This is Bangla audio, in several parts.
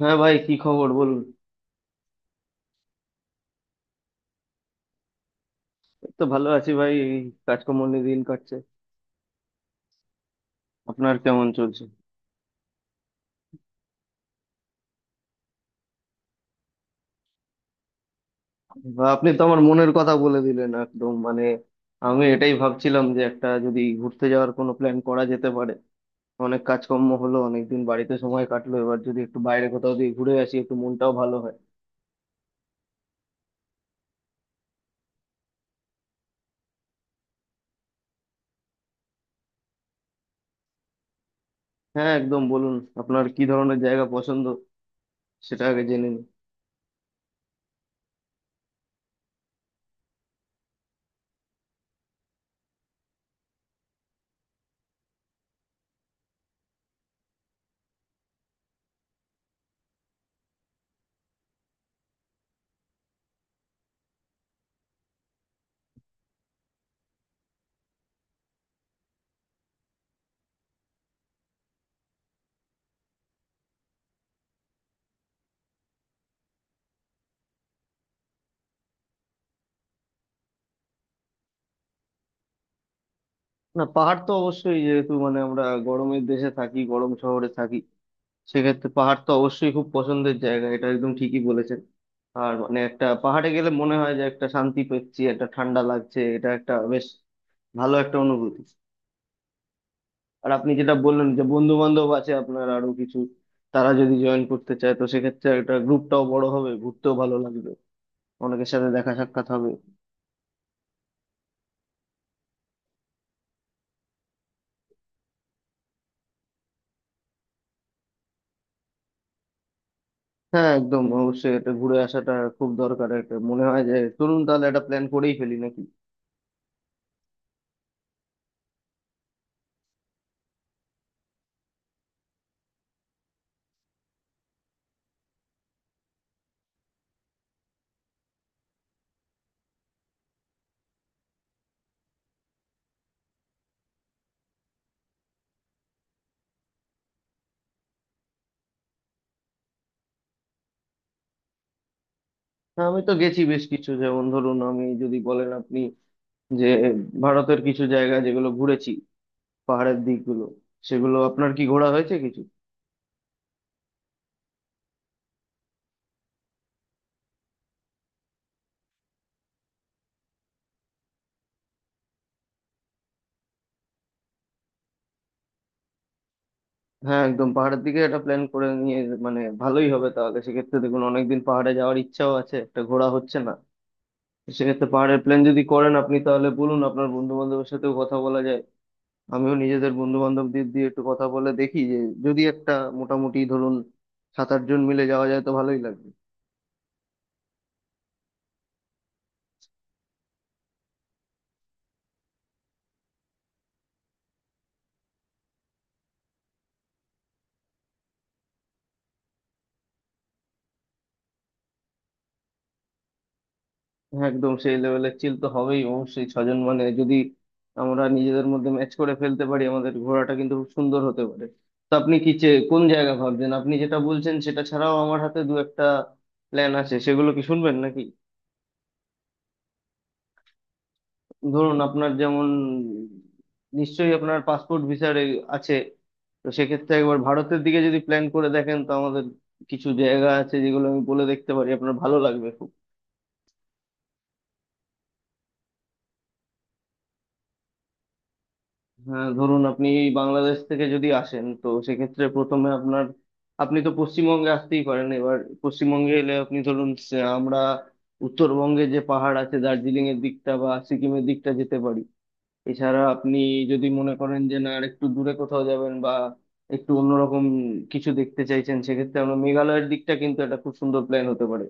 হ্যাঁ ভাই কি খবর বলুন। এই তো ভালো আছি ভাই, এই কাজকর্ম নিয়ে দিন কাটছে। আপনার কেমন চলছে? বা আপনি তো আমার মনের কথা বলে দিলেন একদম, মানে আমি এটাই ভাবছিলাম যে একটা যদি ঘুরতে যাওয়ার কোনো প্ল্যান করা যেতে পারে। অনেক কাজকর্ম হলো, অনেকদিন বাড়িতে সময় কাটলো, এবার যদি একটু বাইরে কোথাও দিয়ে ঘুরে আসি একটু মনটাও ভালো হয়। হ্যাঁ একদম বলুন, আপনার কি ধরনের জায়গা পছন্দ সেটা আগে জেনে নিন। না পাহাড় তো অবশ্যই, যেহেতু মানে আমরা গরমের দেশে থাকি, গরম শহরে থাকি, সেক্ষেত্রে পাহাড় তো অবশ্যই খুব পছন্দের জায়গা, এটা একদম ঠিকই বলেছেন। আর মানে একটা পাহাড়ে গেলে মনে হয় যে একটা শান্তি পাচ্ছি, একটা ঠান্ডা লাগছে, এটা একটা বেশ ভালো একটা অনুভূতি। আর আপনি যেটা বললেন যে বন্ধু বান্ধব আছে আপনার আরো কিছু, তারা যদি জয়েন করতে চায় তো সেক্ষেত্রে একটা গ্রুপটাও বড় হবে, ঘুরতেও ভালো লাগবে, অনেকের সাথে দেখা সাক্ষাৎ হবে। হ্যাঁ একদম অবশ্যই এটা ঘুরে আসাটা খুব দরকার, একটা মনে হয় যে চলুন তাহলে একটা প্ল্যান করেই ফেলি নাকি। হ্যাঁ আমি তো গেছি বেশ কিছু, যেমন ধরুন আমি যদি বলেন আপনি যে ভারতের কিছু জায়গা যেগুলো ঘুরেছি, পাহাড়ের দিকগুলো, সেগুলো আপনার কি ঘোরা হয়েছে কিছু? হ্যাঁ একদম পাহাড়ের দিকে একটা প্ল্যান করে নিয়ে মানে ভালোই হবে। তাহলে সেক্ষেত্রে দেখুন অনেকদিন পাহাড়ে যাওয়ার ইচ্ছাও আছে, একটা ঘোরা হচ্ছে না, সেক্ষেত্রে পাহাড়ের প্ল্যান যদি করেন আপনি তাহলে বলুন আপনার বন্ধু বান্ধবের সাথেও কথা বলা যায়। আমিও নিজেদের বন্ধু বান্ধবদের দিয়ে একটু কথা বলে দেখি যে যদি একটা মোটামুটি ধরুন সাত আট জন মিলে যাওয়া যায় তো ভালোই লাগবে। হ্যাঁ, একদম সেই লেভেলের চিল তো হবেই অবশ্যই, ছজন মানে যদি আমরা নিজেদের মধ্যে ম্যাচ করে ফেলতে পারি আমাদের ঘোড়াটা কিন্তু খুব সুন্দর হতে পারে। তো আপনি কি কোন জায়গা ভাবছেন? আপনি যেটা বলছেন সেটা ছাড়াও আমার হাতে দু একটা প্ল্যান আছে, সেগুলো কি শুনবেন নাকি? ধরুন আপনার যেমন নিশ্চয়ই আপনার পাসপোর্ট ভিসার আছে, তো সেক্ষেত্রে একবার ভারতের দিকে যদি প্ল্যান করে দেখেন তো আমাদের কিছু জায়গা আছে যেগুলো আমি বলে দেখতে পারি, আপনার ভালো লাগবে খুব। হ্যাঁ ধরুন আপনি বাংলাদেশ থেকে যদি আসেন তো সেক্ষেত্রে প্রথমে আপনার, আপনি তো পশ্চিমবঙ্গে আসতেই পারেন। এবার পশ্চিমবঙ্গে এলে আপনি ধরুন আমরা উত্তরবঙ্গে যে পাহাড় আছে দার্জিলিং এর দিকটা বা সিকিমের দিকটা যেতে পারি। এছাড়া আপনি যদি মনে করেন যে না আর একটু দূরে কোথাও যাবেন বা একটু অন্যরকম কিছু দেখতে চাইছেন সেক্ষেত্রে আমরা মেঘালয়ের দিকটা কিন্তু একটা খুব সুন্দর প্ল্যান হতে পারে।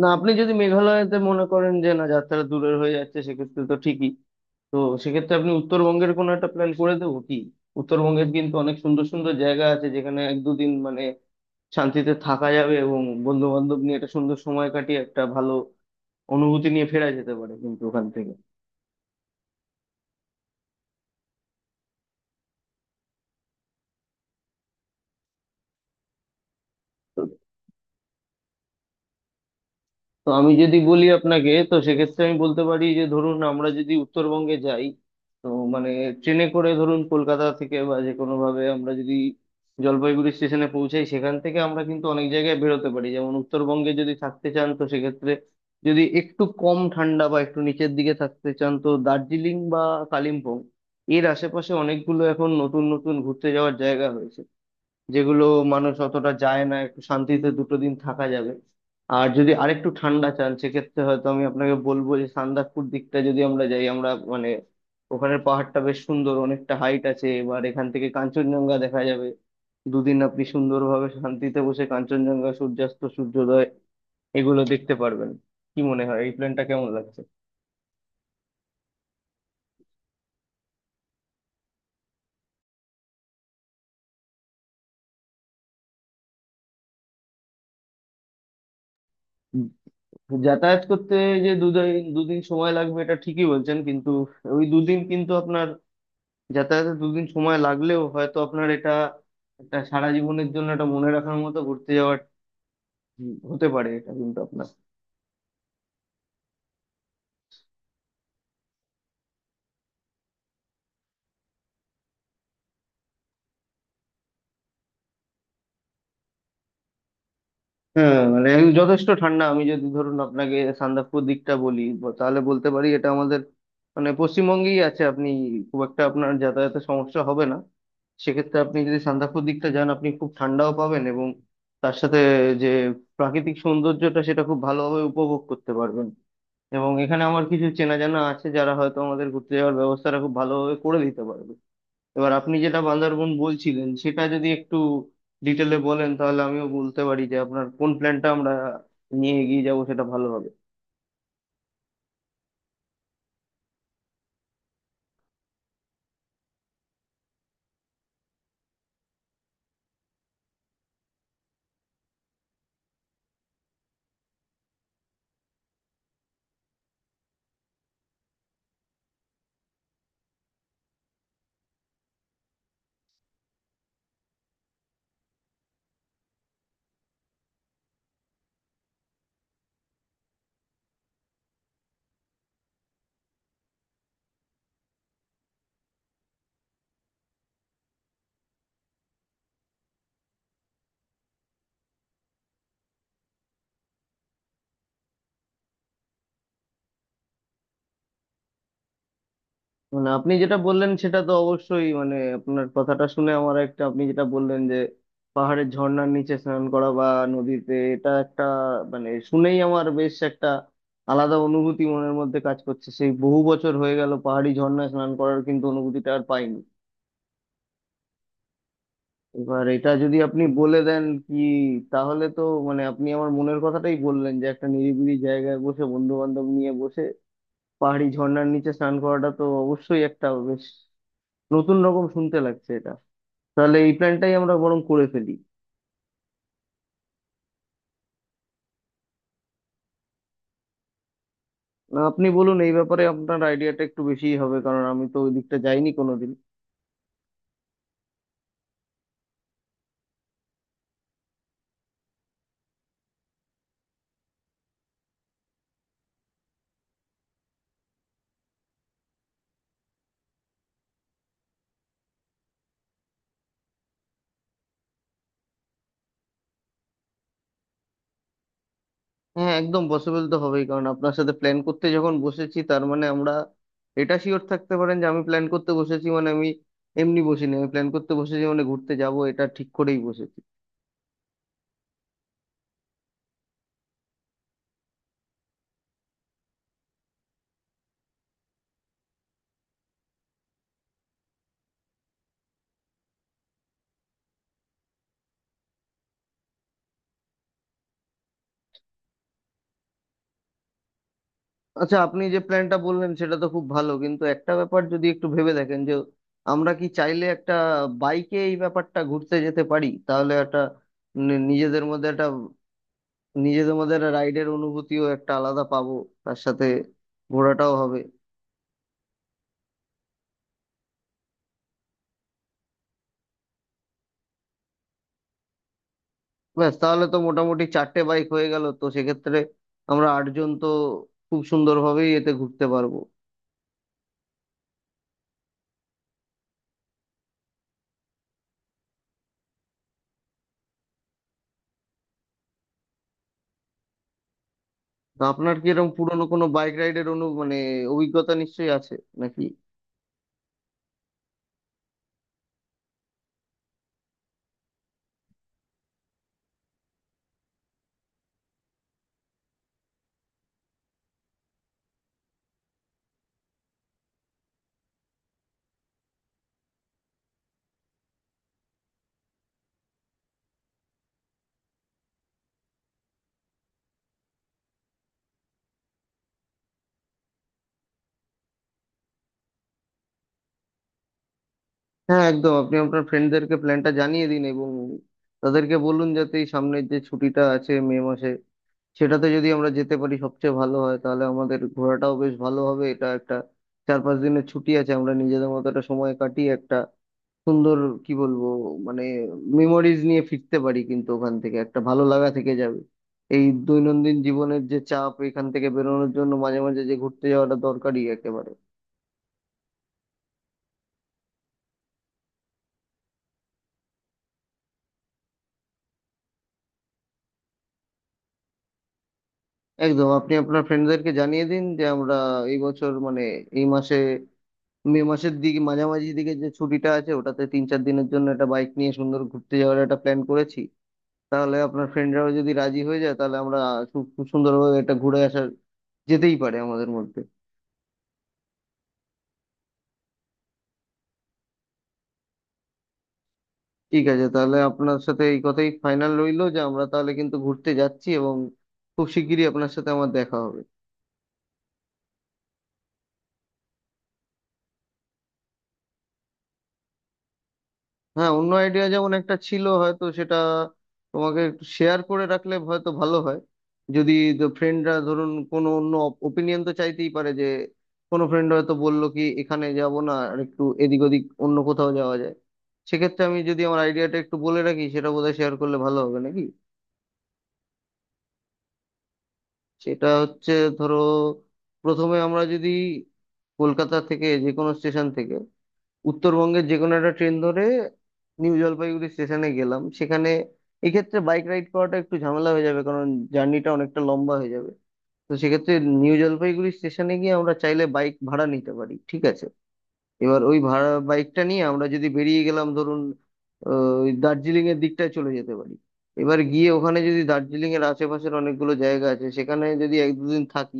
না আপনি যদি মেঘালয়তে মনে করেন যে না যাত্রা দূরের হয়ে যাচ্ছে সেক্ষেত্রে তো ঠিকই, তো সেক্ষেত্রে আপনি উত্তরবঙ্গের কোনো একটা প্ল্যান করে দেবো কি। উত্তরবঙ্গের কিন্তু অনেক সুন্দর সুন্দর জায়গা আছে যেখানে এক দুদিন মানে শান্তিতে থাকা যাবে এবং বন্ধু বান্ধব নিয়ে একটা সুন্দর সময় কাটিয়ে একটা ভালো অনুভূতি নিয়ে ফেরা যেতে পারে কিন্তু ওখান থেকে। তো আমি যদি বলি আপনাকে তো সেক্ষেত্রে আমি বলতে পারি যে ধরুন আমরা যদি উত্তরবঙ্গে যাই তো মানে ট্রেনে করে ধরুন কলকাতা থেকে বা যে কোনো ভাবে আমরা যদি জলপাইগুড়ি স্টেশনে পৌঁছাই সেখান থেকে আমরা কিন্তু অনেক জায়গায় বেরোতে পারি। যেমন উত্তরবঙ্গে যদি থাকতে চান তো সেক্ষেত্রে যদি একটু কম ঠান্ডা বা একটু নিচের দিকে থাকতে চান তো দার্জিলিং বা কালিম্পং এর আশেপাশে অনেকগুলো এখন নতুন নতুন ঘুরতে যাওয়ার জায়গা হয়েছে, যেগুলো মানুষ অতটা যায় না, একটু শান্তিতে দুটো দিন থাকা যাবে। আর যদি আরেকটু ঠান্ডা চান সেক্ষেত্রে হয়তো আমি আপনাকে বলবো যে সান্দাকফু দিকটা যদি আমরা যাই, আমরা মানে ওখানের পাহাড়টা বেশ সুন্দর, অনেকটা হাইট আছে, এবার এখান থেকে কাঞ্চনজঙ্ঘা দেখা যাবে। দুদিন আপনি সুন্দরভাবে শান্তিতে বসে কাঞ্চনজঙ্ঘা সূর্যাস্ত সূর্যোদয় এগুলো দেখতে পারবেন। কি মনে হয় এই প্ল্যানটা কেমন লাগছে? উম, যাতায়াত করতে যে দুদিন দুদিন সময় লাগবে এটা ঠিকই বলছেন কিন্তু ওই দুদিন কিন্তু আপনার, যাতায়াতে দুদিন সময় লাগলেও হয়তো আপনার এটা একটা সারা জীবনের জন্য এটা মনে রাখার মতো ঘুরতে যাওয়ার হতে পারে এটা কিন্তু আপনার। হ্যাঁ মানে একদম যথেষ্ট ঠান্ডা, আমি যদি ধরুন আপনাকে সান্দাকফু দিকটা বলি তাহলে বলতে পারি এটা আমাদের মানে পশ্চিমবঙ্গেই আছে, আপনি খুব একটা আপনার যাতায়াতের সমস্যা হবে না। সেক্ষেত্রে আপনি যদি সান্দাকফু দিকটা যান আপনি খুব ঠান্ডাও পাবেন এবং তার সাথে যে প্রাকৃতিক সৌন্দর্যটা সেটা খুব ভালোভাবে উপভোগ করতে পারবেন এবং এখানে আমার কিছু চেনা জানা আছে যারা হয়তো আমাদের ঘুরতে যাওয়ার ব্যবস্থাটা খুব ভালোভাবে করে দিতে পারবে। এবার আপনি যেটা বান্দারবন বলছিলেন সেটা যদি একটু ডিটেলে বলেন তাহলে আমিও বলতে পারি যে আপনার কোন প্ল্যানটা আমরা নিয়ে এগিয়ে যাবো সেটা ভালো হবে। মানে আপনি যেটা বললেন সেটা তো অবশ্যই, মানে আপনার কথাটা শুনে আমার একটা, আপনি যেটা বললেন যে পাহাড়ের ঝর্ণার নিচে স্নান করা বা নদীতে, এটা একটা মানে শুনেই আমার বেশ একটা আলাদা অনুভূতি মনের মধ্যে কাজ করছে। সেই বহু বছর হয়ে গেল পাহাড়ি ঝর্ণায় স্নান করার কিন্তু অনুভূতিটা আর পাইনি। এবার এটা যদি আপনি বলে দেন কি তাহলে তো মানে আপনি আমার মনের কথাটাই বললেন যে একটা নিরিবিলি জায়গায় বসে বন্ধু বান্ধব নিয়ে বসে পাহাড়ি ঝর্ণার নিচে স্নান করাটা তো অবশ্যই একটা বেশ নতুন রকম শুনতে লাগছে এটা। তাহলে এই প্ল্যানটাই আমরা বরং করে ফেলি। না আপনি বলুন এই ব্যাপারে, আপনার আইডিয়াটা একটু বেশিই হবে কারণ আমি তো ওই দিকটা যাইনি কোনোদিন। হ্যাঁ একদম পসিবল তো হবেই, কারণ আপনার সাথে প্ল্যান করতে যখন বসেছি তার মানে আমরা, এটা শিওর থাকতে পারেন যে আমি প্ল্যান করতে বসেছি মানে আমি এমনি বসিনি, আমি প্ল্যান করতে বসেছি মানে ঘুরতে যাব এটা ঠিক করেই বসেছি। আচ্ছা আপনি যে প্ল্যানটা বললেন সেটা তো খুব ভালো কিন্তু একটা ব্যাপার যদি একটু ভেবে দেখেন যে আমরা কি চাইলে একটা বাইকে এই ব্যাপারটা ঘুরতে যেতে পারি? তাহলে একটা নি- নিজেদের মধ্যে একটা নিজেদের মধ্যে একটা রাইডের অনুভূতিও একটা আলাদা পাবো, তার সাথে ঘোরাটাও হবে। ব্যাস তাহলে তো মোটামুটি চারটে বাইক হয়ে গেল, তো সেক্ষেত্রে আমরা আটজন তো খুব সুন্দরভাবেই এতে ঘুরতে পারবো। তো আপনার কি এরকম পুরনো কোনো বাইক রাইডের মানে অভিজ্ঞতা নিশ্চয়ই আছে নাকি? হ্যাঁ একদম আপনি আপনার ফ্রেন্ডদেরকে প্ল্যানটা জানিয়ে দিন এবং তাদেরকে বলুন যাতে এই সামনের যে ছুটিটা আছে মে মাসে সেটাতে যদি আমরা যেতে পারি সবচেয়ে ভালো হয়, তাহলে আমাদের ঘোরাটাও বেশ ভালো হবে। এটা একটা চার পাঁচ দিনের ছুটি আছে, আমরা নিজেদের মতো একটা সময় কাটিয়ে একটা সুন্দর কি বলবো, মানে মেমোরিজ নিয়ে ফিরতে পারি কিন্তু ওখান থেকে একটা ভালো লাগা থেকে যাবে। এই দৈনন্দিন জীবনের যে চাপ এখান থেকে বেরোনোর জন্য মাঝে মাঝে যে ঘুরতে যাওয়াটা দরকারি একেবারে। একদম আপনি আপনার ফ্রেন্ডদেরকে জানিয়ে দিন যে আমরা এই বছর মানে এই মাসে মে মাসের দিকে মাঝামাঝি দিকে যে ছুটিটা আছে ওটাতে তিন চার দিনের জন্য একটা বাইক নিয়ে সুন্দর ঘুরতে যাওয়ার একটা প্ল্যান করেছি, তাহলে আপনার ফ্রেন্ডরাও যদি রাজি হয়ে যায় তাহলে আমরা খুব খুব সুন্দরভাবে এটা ঘুরে আসার যেতেই পারে আমাদের মধ্যে। ঠিক আছে তাহলে আপনার সাথে এই কথাই ফাইনাল রইলো যে আমরা তাহলে কিন্তু ঘুরতে যাচ্ছি এবং খুব শিগগিরই আপনার সাথে আমার দেখা হবে। হ্যাঁ অন্য আইডিয়া যেমন একটা ছিল হয়তো সেটা তোমাকে শেয়ার করে রাখলে হয়তো ভালো হয়, যদি ফ্রেন্ডরা ধরুন কোনো অন্য ওপিনিয়ন তো চাইতেই পারে যে কোনো ফ্রেন্ড হয়তো বললো কি এখানে যাব না আর একটু এদিক ওদিক অন্য কোথাও যাওয়া যায়, সেক্ষেত্রে আমি যদি আমার আইডিয়াটা একটু বলে রাখি সেটা বোধহয় শেয়ার করলে ভালো হবে নাকি। সেটা হচ্ছে ধরো প্রথমে আমরা যদি কলকাতা থেকে যে কোনো স্টেশন থেকে উত্তরবঙ্গের যে কোনো একটা ট্রেন ধরে নিউ জলপাইগুড়ি স্টেশনে গেলাম সেখানে, এক্ষেত্রে বাইক রাইড করাটা একটু ঝামেলা হয়ে যাবে কারণ জার্নিটা অনেকটা লম্বা হয়ে যাবে। তো সেক্ষেত্রে নিউ জলপাইগুড়ি স্টেশনে গিয়ে আমরা চাইলে বাইক ভাড়া নিতে পারি ঠিক আছে। এবার ওই ভাড়া বাইকটা নিয়ে আমরা যদি বেরিয়ে গেলাম ধরুন আহ, ওই দার্জিলিং এর দিকটায় চলে যেতে পারি। এবার গিয়ে ওখানে যদি দার্জিলিং এর আশেপাশের অনেকগুলো জায়গা আছে সেখানে যদি এক দুদিন থাকি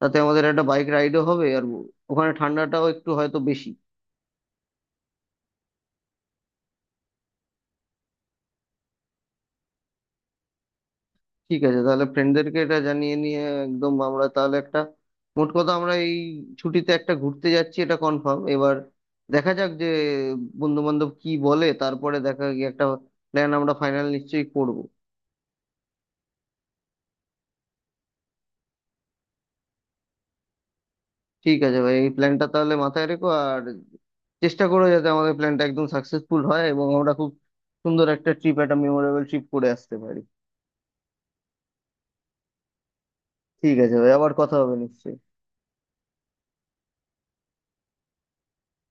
তাতে আমাদের একটা বাইক রাইডও হবে আর ওখানে ঠান্ডাটাও একটু হয়তো বেশি। ঠিক আছে তাহলে ফ্রেন্ডদেরকে এটা জানিয়ে নিয়ে একদম আমরা তাহলে একটা, মোট কথা আমরা এই ছুটিতে একটা ঘুরতে যাচ্ছি এটা কনফার্ম, এবার দেখা যাক যে বন্ধু বান্ধব কি বলে তারপরে দেখা গিয়ে একটা প্ল্যান আমরা ফাইনাল নিশ্চয়ই করব। ঠিক আছে ভাই এই প্ল্যানটা তাহলে মাথায় রেখো আর চেষ্টা করো যাতে আমাদের প্ল্যানটা একদম সাকসেসফুল হয় এবং আমরা খুব সুন্দর একটা ট্রিপ, একটা মেমোরেবল ট্রিপ করে আসতে পারি। ঠিক আছে ভাই আবার কথা হবে নিশ্চয়ই।